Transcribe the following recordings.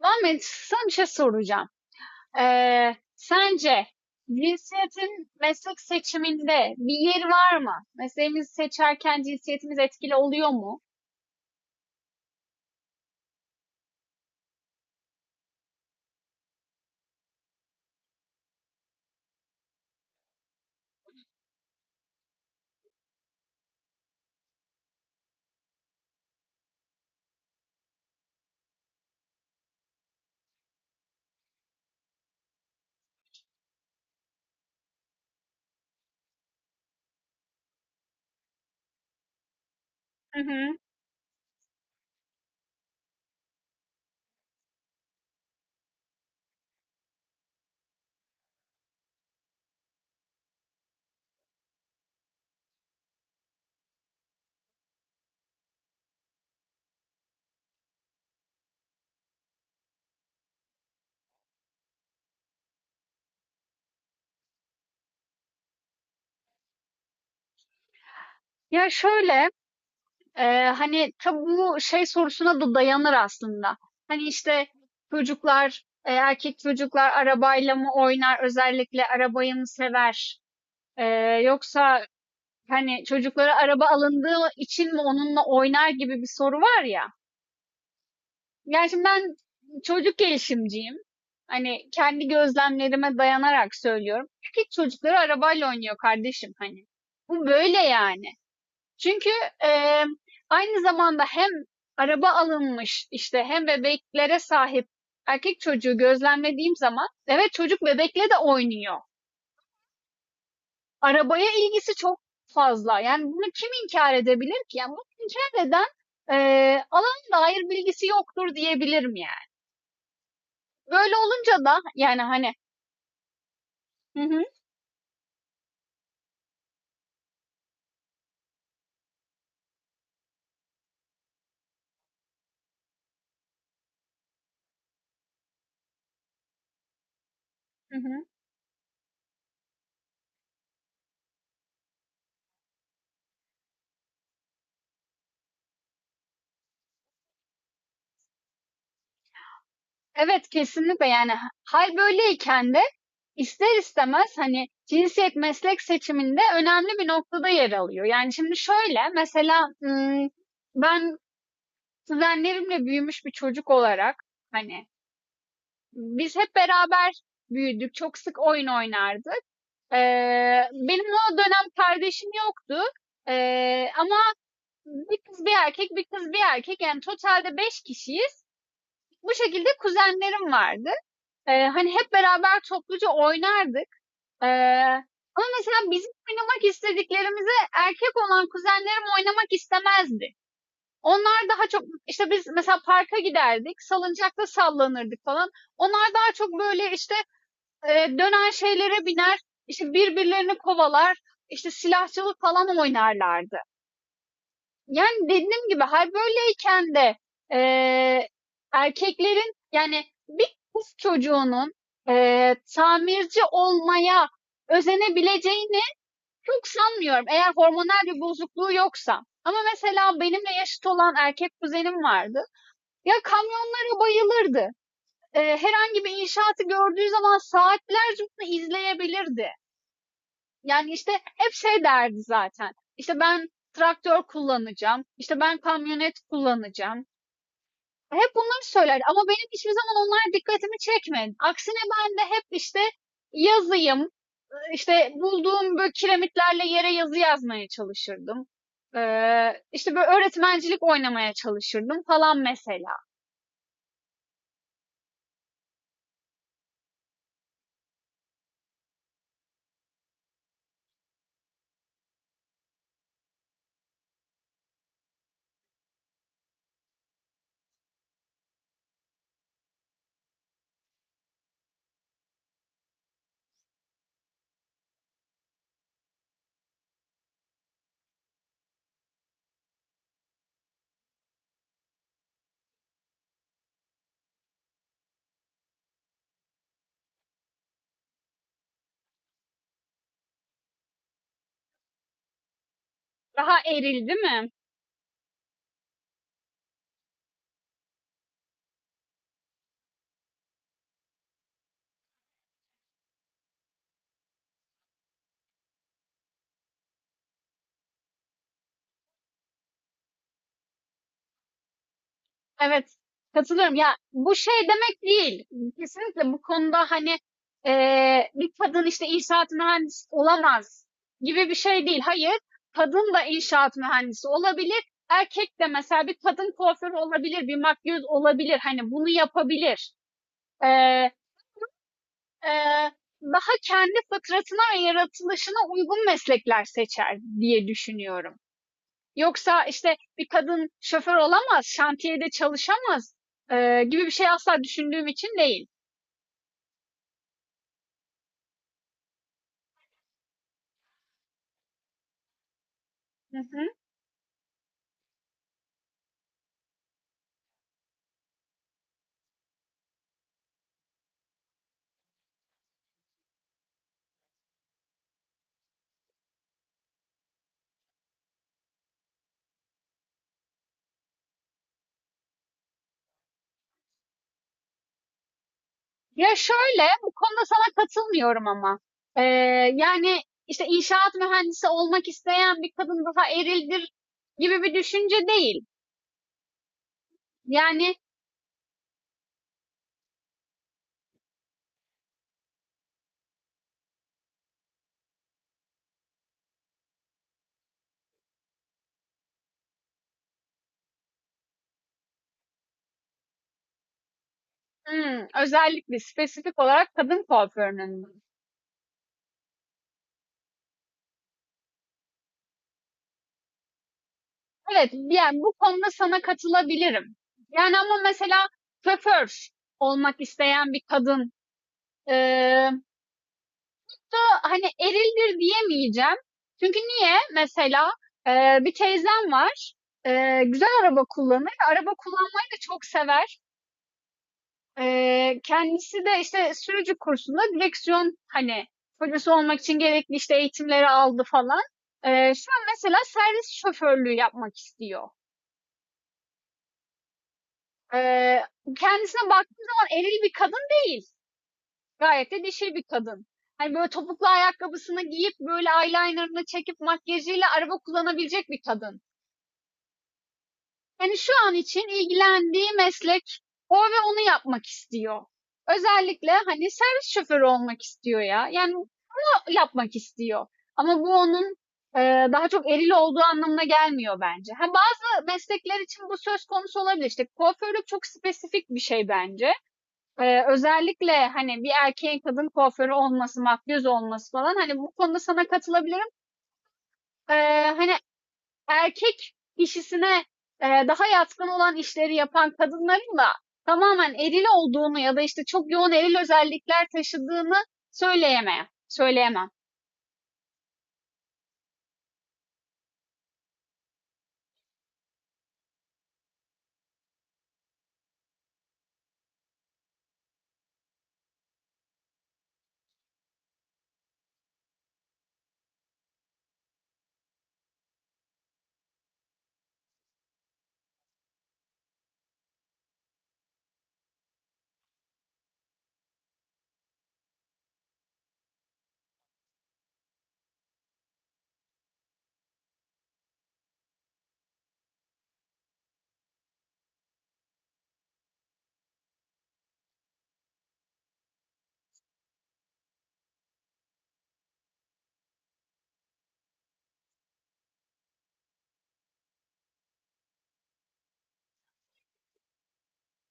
Muhammed, sana bir şey soracağım. Sence cinsiyetin meslek seçiminde bir yeri var mı? Mesleğimizi seçerken cinsiyetimiz etkili oluyor mu? Hı hı. Ya şöyle, hani tabii bu şey sorusuna da dayanır aslında. Hani işte çocuklar, erkek çocuklar arabayla mı oynar, özellikle arabayı mı sever? E, yoksa hani çocuklara araba alındığı için mi onunla oynar gibi bir soru var ya. Yani şimdi ben çocuk gelişimciyim. Hani kendi gözlemlerime dayanarak söylüyorum. Erkek çocukları arabayla oynuyor kardeşim hani. Bu böyle yani. Çünkü eee, aynı zamanda hem araba alınmış işte hem bebeklere sahip erkek çocuğu gözlemlediğim zaman evet çocuk bebekle de oynuyor. Arabaya ilgisi çok fazla. Yani bunu kim inkar edebilir ki? Yani bunu inkar eden alan dair bilgisi yoktur diyebilirim yani. Böyle olunca da yani hani. Hı hı. Hı hı. Evet kesinlikle yani hal böyleyken de ister istemez hani cinsiyet meslek seçiminde önemli bir noktada yer alıyor. Yani şimdi şöyle mesela ben kuzenlerimle büyümüş bir çocuk olarak hani biz hep beraber büyüdük. Çok sık oyun oynardık. Benim o dönem kardeşim yoktu. Ama bir kız bir erkek, bir kız bir erkek yani totalde beş kişiyiz. Bu şekilde kuzenlerim vardı. Hani hep beraber topluca oynardık. Eee, ama mesela bizim oynamak istediklerimizi erkek olan kuzenlerim oynamak istemezdi. Onlar daha çok işte biz mesela parka giderdik, salıncakta sallanırdık falan. Onlar daha çok böyle işte dönen şeylere biner, işte birbirlerini kovalar, işte silahçılık falan oynarlardı. Yani dediğim gibi hal böyleyken de eee, erkeklerin yani bir kız çocuğunun tamirci olmaya özenebileceğini çok sanmıyorum. Eğer hormonal bir bozukluğu yoksa. Ama mesela benimle yaşıt olan erkek kuzenim vardı. Ya kamyonlara bayılırdı. Herhangi bir inşaatı gördüğü zaman saatlerce bunu izleyebilirdi. Yani, işte, hep şey derdi zaten, İşte ben traktör kullanacağım, İşte ben kamyonet kullanacağım. Hep bunları söylerdi ama benim hiçbir zaman onlar dikkatimi çekmedi. Aksine ben de hep, işte, yazıyım, İşte bulduğum, böyle, kiremitlerle yere yazı yazmaya çalışırdım. İşte, böyle, öğretmencilik oynamaya çalışırdım falan mesela. Daha eril, değil mi? Evet, katılıyorum. Ya bu şey demek değil. Kesinlikle bu konuda hani bir kadın işte inşaat mühendisi olamaz gibi bir şey değil. Hayır, kadın da inşaat mühendisi olabilir. Erkek de mesela bir kadın kuaförü olabilir, bir makyöz olabilir. Hani bunu yapabilir. Eee, eee, daha kendi fıtratına ve yaratılışına uygun meslekler seçer diye düşünüyorum. Yoksa işte bir kadın şoför olamaz, şantiyede çalışamaz gibi bir şey asla düşündüğüm için değil. Hı hı. Ya şöyle, bu konuda sana katılmıyorum ama. Yani işte inşaat mühendisi olmak isteyen bir kadın daha erildir gibi bir düşünce değil. Yani özellikle spesifik olarak kadın kuaförünün. Evet, yani bu konuda sana katılabilirim. Yani ama mesela şoför olmak isteyen bir kadın eee hani erildir diyemeyeceğim. Çünkü niye? Mesela bir teyzem var. Güzel araba kullanır. Araba kullanmayı da çok sever. E, kendisi de işte sürücü kursunda direksiyon hani polisi olmak için gerekli işte eğitimleri aldı falan. Şu an mesela servis şoförlüğü yapmak istiyor. E, kendisine baktığım zaman eril bir kadın değil. Gayet de dişil bir kadın. Hani, böyle, topuklu ayakkabısını giyip, böyle, eyeliner'ını çekip makyajıyla araba kullanabilecek bir kadın. Hani, şu an için ilgilendiği meslek o ve onu yapmak istiyor. Özellikle, hani, servis şoförü olmak istiyor ya. Yani, bunu yapmak istiyor. Ama bu onun, daha çok eril olduğu anlamına gelmiyor bence. Ha, bazı meslekler için bu söz konusu olabilir. İşte, kuaförlük çok spesifik bir şey bence. Özellikle, hani, bir erkeğin kadın kuaförü olması, makyöz olması falan, hani, bu konuda sana katılabilirim. Hani, erkek kişisine, daha yatkın olan işleri yapan kadınların da tamamen eril olduğunu ya da, işte, çok yoğun eril özellikler taşıdığını söyleyemem.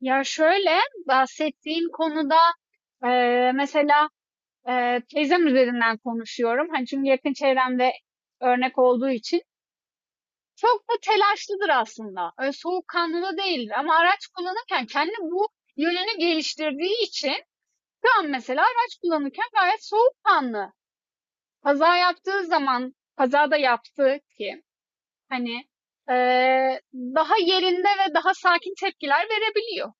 Ya, şöyle, bahsettiğin konuda, mesela, teyzem üzerinden konuşuyorum. Hani, çünkü yakın çevremde örnek olduğu için. Çok da telaşlıdır aslında. Öyle soğukkanlı da değildir. Ama araç kullanırken kendi bu yönünü geliştirdiği için şu an mesela araç kullanırken gayet soğukkanlı. Kaza yaptığı zaman, kazada yaptığı ki hani daha yerinde ve daha sakin tepkiler verebiliyor.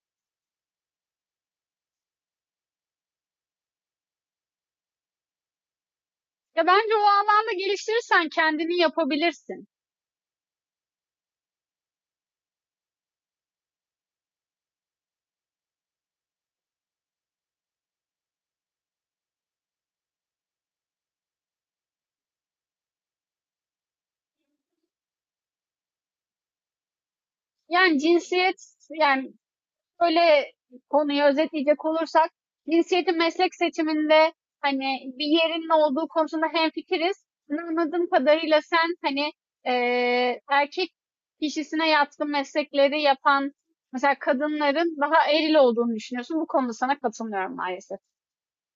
Ya bence o alanda geliştirirsen kendini yapabilirsin. Yani cinsiyet, yani böyle konuyu özetleyecek olursak cinsiyetin meslek seçiminde hani bir yerinin olduğu konusunda hemfikiriz. Ama anladığım kadarıyla sen hani erkek kişisine yatkın meslekleri yapan mesela kadınların daha eril olduğunu düşünüyorsun. Bu konuda sana katılmıyorum maalesef.